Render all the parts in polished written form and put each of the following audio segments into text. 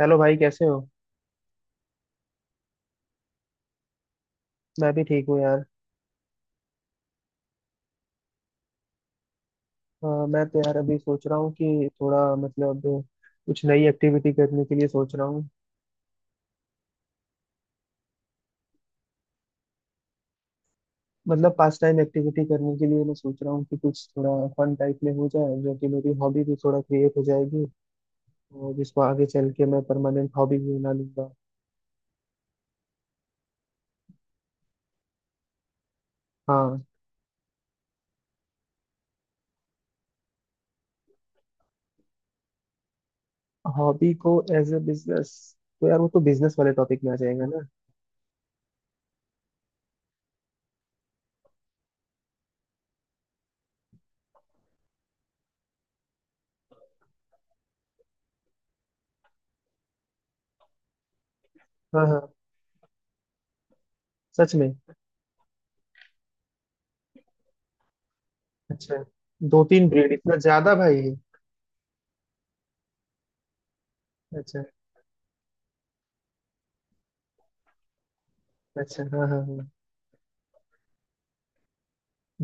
Hello भाई, कैसे हो? मैं भी ठीक हूँ यार। मैं तो यार अभी सोच रहा हूँ कि थोड़ा मतलब कुछ नई एक्टिविटी करने के लिए सोच रहा हूँ। मतलब पास टाइम एक्टिविटी करने के लिए मैं सोच रहा हूँ कि कुछ थोड़ा फन टाइप में हो जाए, जो कि मेरी हॉबी भी थोड़ा क्रिएट हो जाएगी और जिसको आगे चल के मैं परमानेंट हॉबी भी बना लूंगा। हाँ। हॉबी को एज ए बिजनेस? तो यार वो तो बिजनेस वाले टॉपिक में आ जाएगा ना। हाँ हाँ। सच में? अच्छा, दो तीन ब्रीड इतना ज्यादा भाई? अच्छा अच्छा। हाँ हाँ हाँ।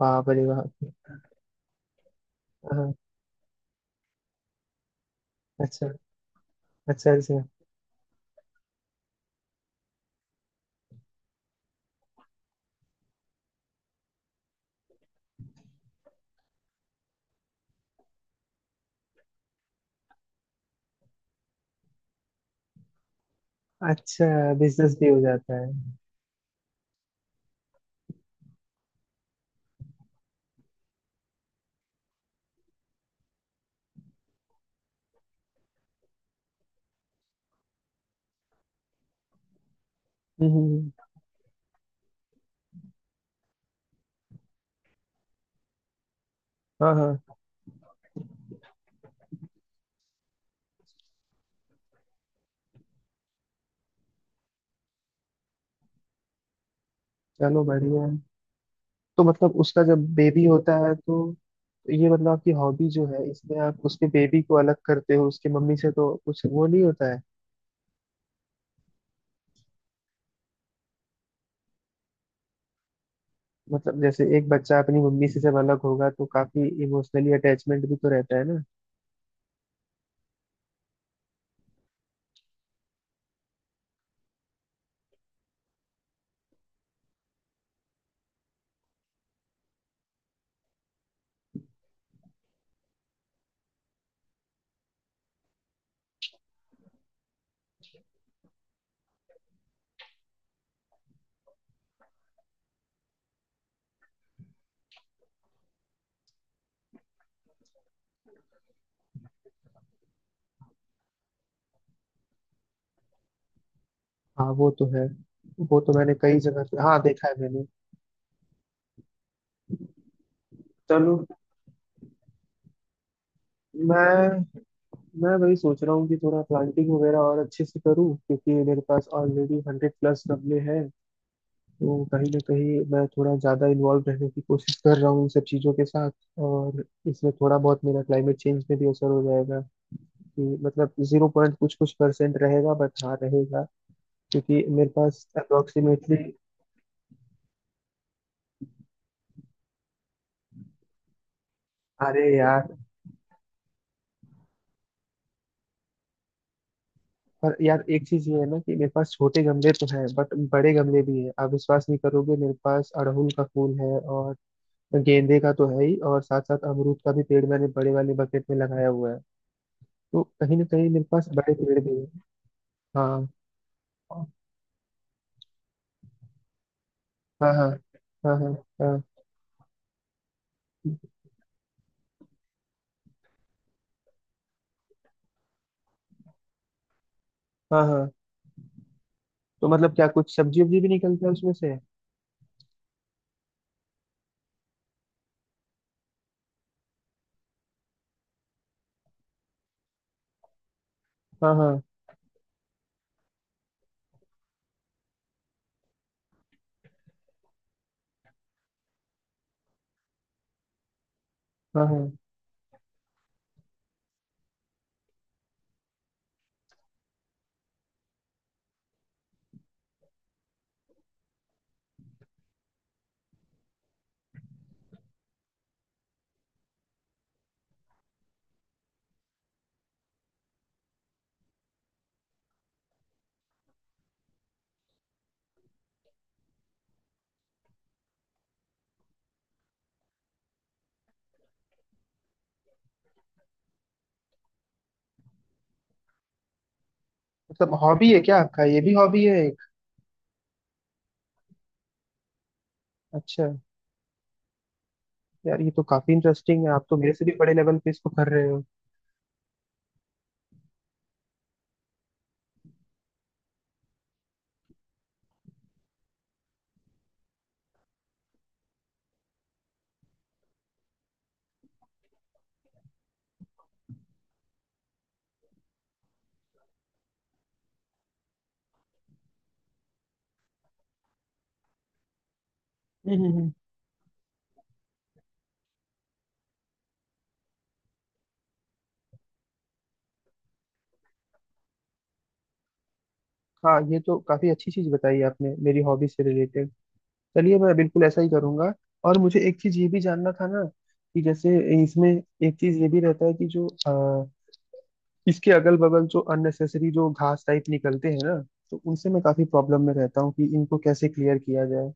वाह, बड़े वाह। हाँ। अच्छा अच्छा। अच्छा। अच्छा, बिजनेस भी हो जाता है। हम्म। हाँ हाँ। चलो, बढ़िया है। तो मतलब उसका जब बेबी होता है तो ये मतलब आपकी हॉबी जो है, इसमें आप उसके बेबी को अलग करते हो उसके मम्मी से, तो कुछ वो नहीं होता है? मतलब जैसे एक बच्चा अपनी मम्मी से जब अलग होगा तो काफी इमोशनली अटैचमेंट भी तो रहता है ना। हाँ वो तो है। वो तो मैंने कई जगह पे हाँ देखा है मैंने। चलो। मैं मैं वही सोच रहा हूँ कि थोड़ा प्लांटिंग वगैरह और अच्छे से करूँ, क्योंकि मेरे पास ऑलरेडी 100+ गमले हैं। तो कहीं ना कहीं मैं थोड़ा ज़्यादा इन्वॉल्व रहने की कोशिश कर रहा हूँ इन सब चीज़ों के साथ। और इसमें थोड़ा बहुत मेरा क्लाइमेट चेंज में भी असर हो जाएगा, कि मतलब जीरो पॉइंट कुछ कुछ परसेंट रहेगा, बट हाँ रहेगा। क्योंकि मेरे पास अप्रोक्सीमेटली... अरे यार। पर यार एक चीज ये है ना कि मेरे पास छोटे गमले तो हैं बट बड़े गमले भी हैं। आप विश्वास नहीं करोगे, मेरे पास अड़हुल का फूल है, और तो गेंदे का तो है ही, और साथ साथ अमरूद का भी पेड़ मैंने बड़े वाले बकेट में लगाया हुआ है। तो कहीं ना कहीं मेरे पास बड़े पेड़ भी हैं। हाँ हाँ हाँ हाँ। हाँ हाँ हाँ हाँ। तो मतलब क्या कुछ सब्जी वब्जी भी निकलता है उसमें से? हाँ हाँ हाँ हाँ। मतलब हॉबी है क्या आपका, ये भी हॉबी है एक? अच्छा। यार ये तो काफी इंटरेस्टिंग है, आप तो मेरे से भी बड़े लेवल पे इसको कर रहे हो। हम्म हम्म, हम्म। हाँ, ये तो काफी अच्छी चीज बताई आपने मेरी हॉबी से रिलेटेड। चलिए, मैं बिल्कुल ऐसा ही करूंगा। और मुझे एक चीज ये भी जानना था ना, कि जैसे इसमें एक चीज ये भी रहता है, कि जो इसके अगल बगल जो अननेसेसरी जो घास टाइप निकलते हैं ना, तो उनसे मैं काफी प्रॉब्लम में रहता हूँ कि इनको कैसे क्लियर किया जाए।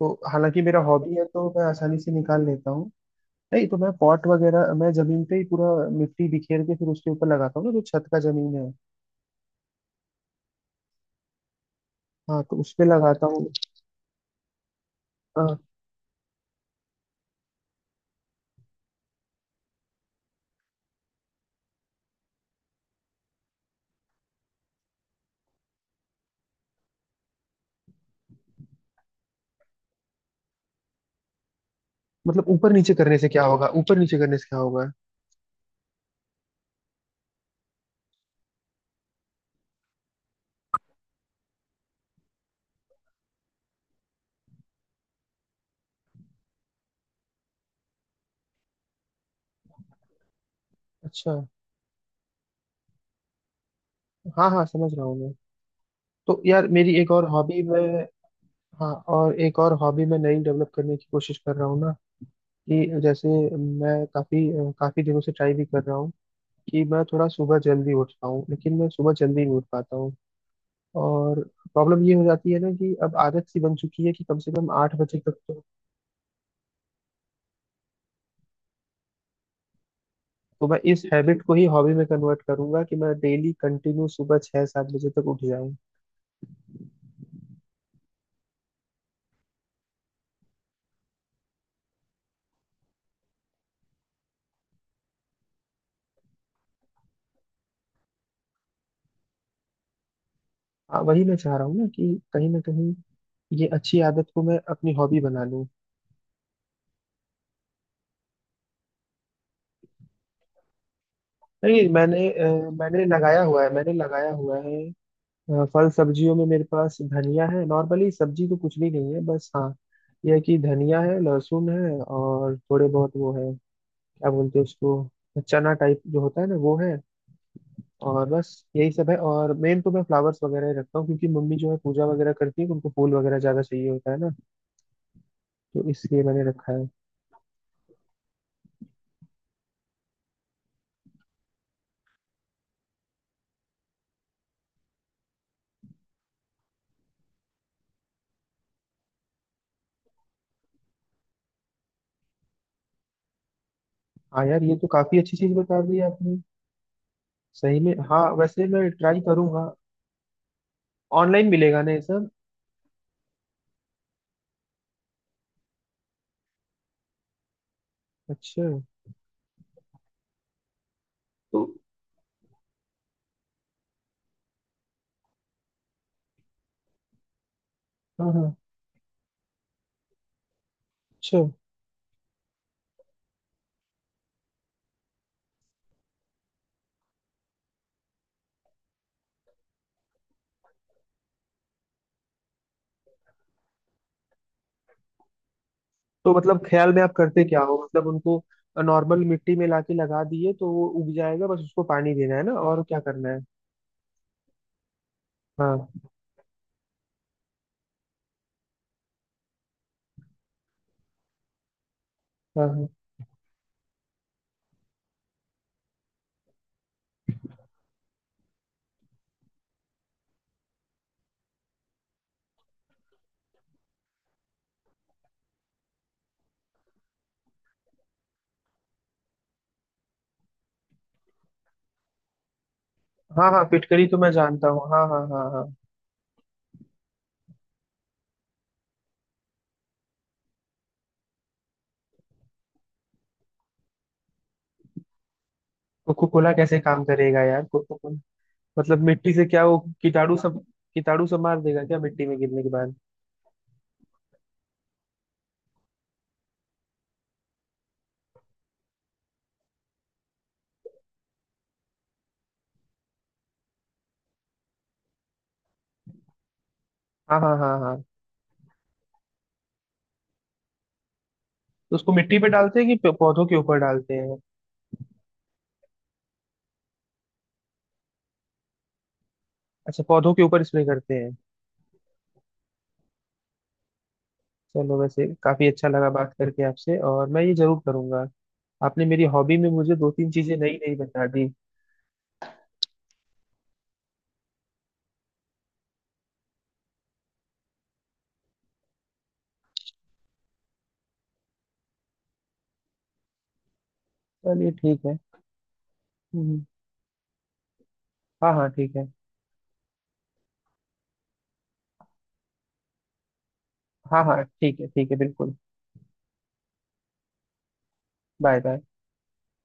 तो हालांकि मेरा हॉबी है तो मैं आसानी से निकाल लेता हूँ। नहीं तो मैं पॉट वगैरह मैं जमीन पे ही पूरा मिट्टी बिखेर के फिर उसके ऊपर लगाता हूँ ना, जो छत का जमीन है। हाँ, तो उस पे लगाता हूँ। अ, मतलब ऊपर नीचे करने से क्या होगा? ऊपर नीचे करने से क्या होगा? अच्छा। हाँ हाँ समझ रहा हूँ मैं। तो यार मेरी एक और हॉबी में, हाँ, और एक और हॉबी मैं नई डेवलप करने की कोशिश कर रहा हूँ ना, कि जैसे मैं काफी काफी दिनों से ट्राई भी कर रहा हूँ कि मैं थोड़ा सुबह जल्दी उठ पाऊँ, लेकिन मैं सुबह जल्दी नहीं उठ पाता हूँ। और प्रॉब्लम ये हो जाती है ना कि अब आदत सी बन चुकी है कि कम से कम 8 बजे तक तो... तो मैं इस हैबिट को ही हॉबी में कन्वर्ट करूंगा, कि मैं डेली कंटिन्यू सुबह 6-7 बजे तक उठ जाऊँ। हाँ, वही मैं चाह रहा हूँ ना, कि कहीं ना कहीं ये अच्छी आदत को मैं अपनी हॉबी बना लूं। नहीं, मैंने लगाया हुआ है, मैंने लगाया हुआ है। फल सब्जियों में मेरे पास धनिया है, नॉर्मली सब्जी तो कुछ भी नहीं है बस, हाँ यह है कि धनिया है, लहसुन है और थोड़े बहुत वो है, क्या बोलते हैं उसको, चना टाइप जो होता है ना वो है, और बस यही सब है। और मेन तो मैं फ्लावर्स वगैरह ही रखता हूँ, क्योंकि मम्मी जो है पूजा वगैरह करती है तो उनको फूल वगैरह ज्यादा चाहिए होता है ना, तो इसलिए मैंने रखा है। हाँ यार, ये तो काफी अच्छी चीज बता दी आपने। सही में, हाँ वैसे मैं ट्राई करूंगा। ऑनलाइन मिलेगा ना ये सब? अच्छा। तो हाँ हाँ। अच्छा, तो मतलब ख्याल में आप करते क्या हो मतलब उनको? नॉर्मल मिट्टी में लाके लगा दिए तो वो उग जाएगा, बस उसको पानी देना है ना, और क्या करना है? हाँ हाँ हाँ हाँ। हाँ, फिटकरी तो मैं जानता हूँ, हाँ हाँ हाँ हाँ। कोको कोला कैसे काम करेगा यार, कोको कोला? मतलब मिट्टी से क्या वो कीटाणु सब, कीटाणु सब मार देगा क्या मिट्टी में गिरने के बाद? हाँ हाँ हाँ हाँ। तो उसको मिट्टी पे डालते हैं कि पौधों के ऊपर डालते हैं? अच्छा, पौधों के ऊपर स्प्रे करते हैं। चलो, वैसे काफी अच्छा लगा बात करके आपसे, और मैं ये जरूर करूंगा। आपने मेरी हॉबी में मुझे दो तीन चीजें नई नई बता दी। चलिए ठीक है। हम्म। हाँ हाँ ठीक है। हाँ हाँ ठीक है, ठीक है बिल्कुल। Bye bye.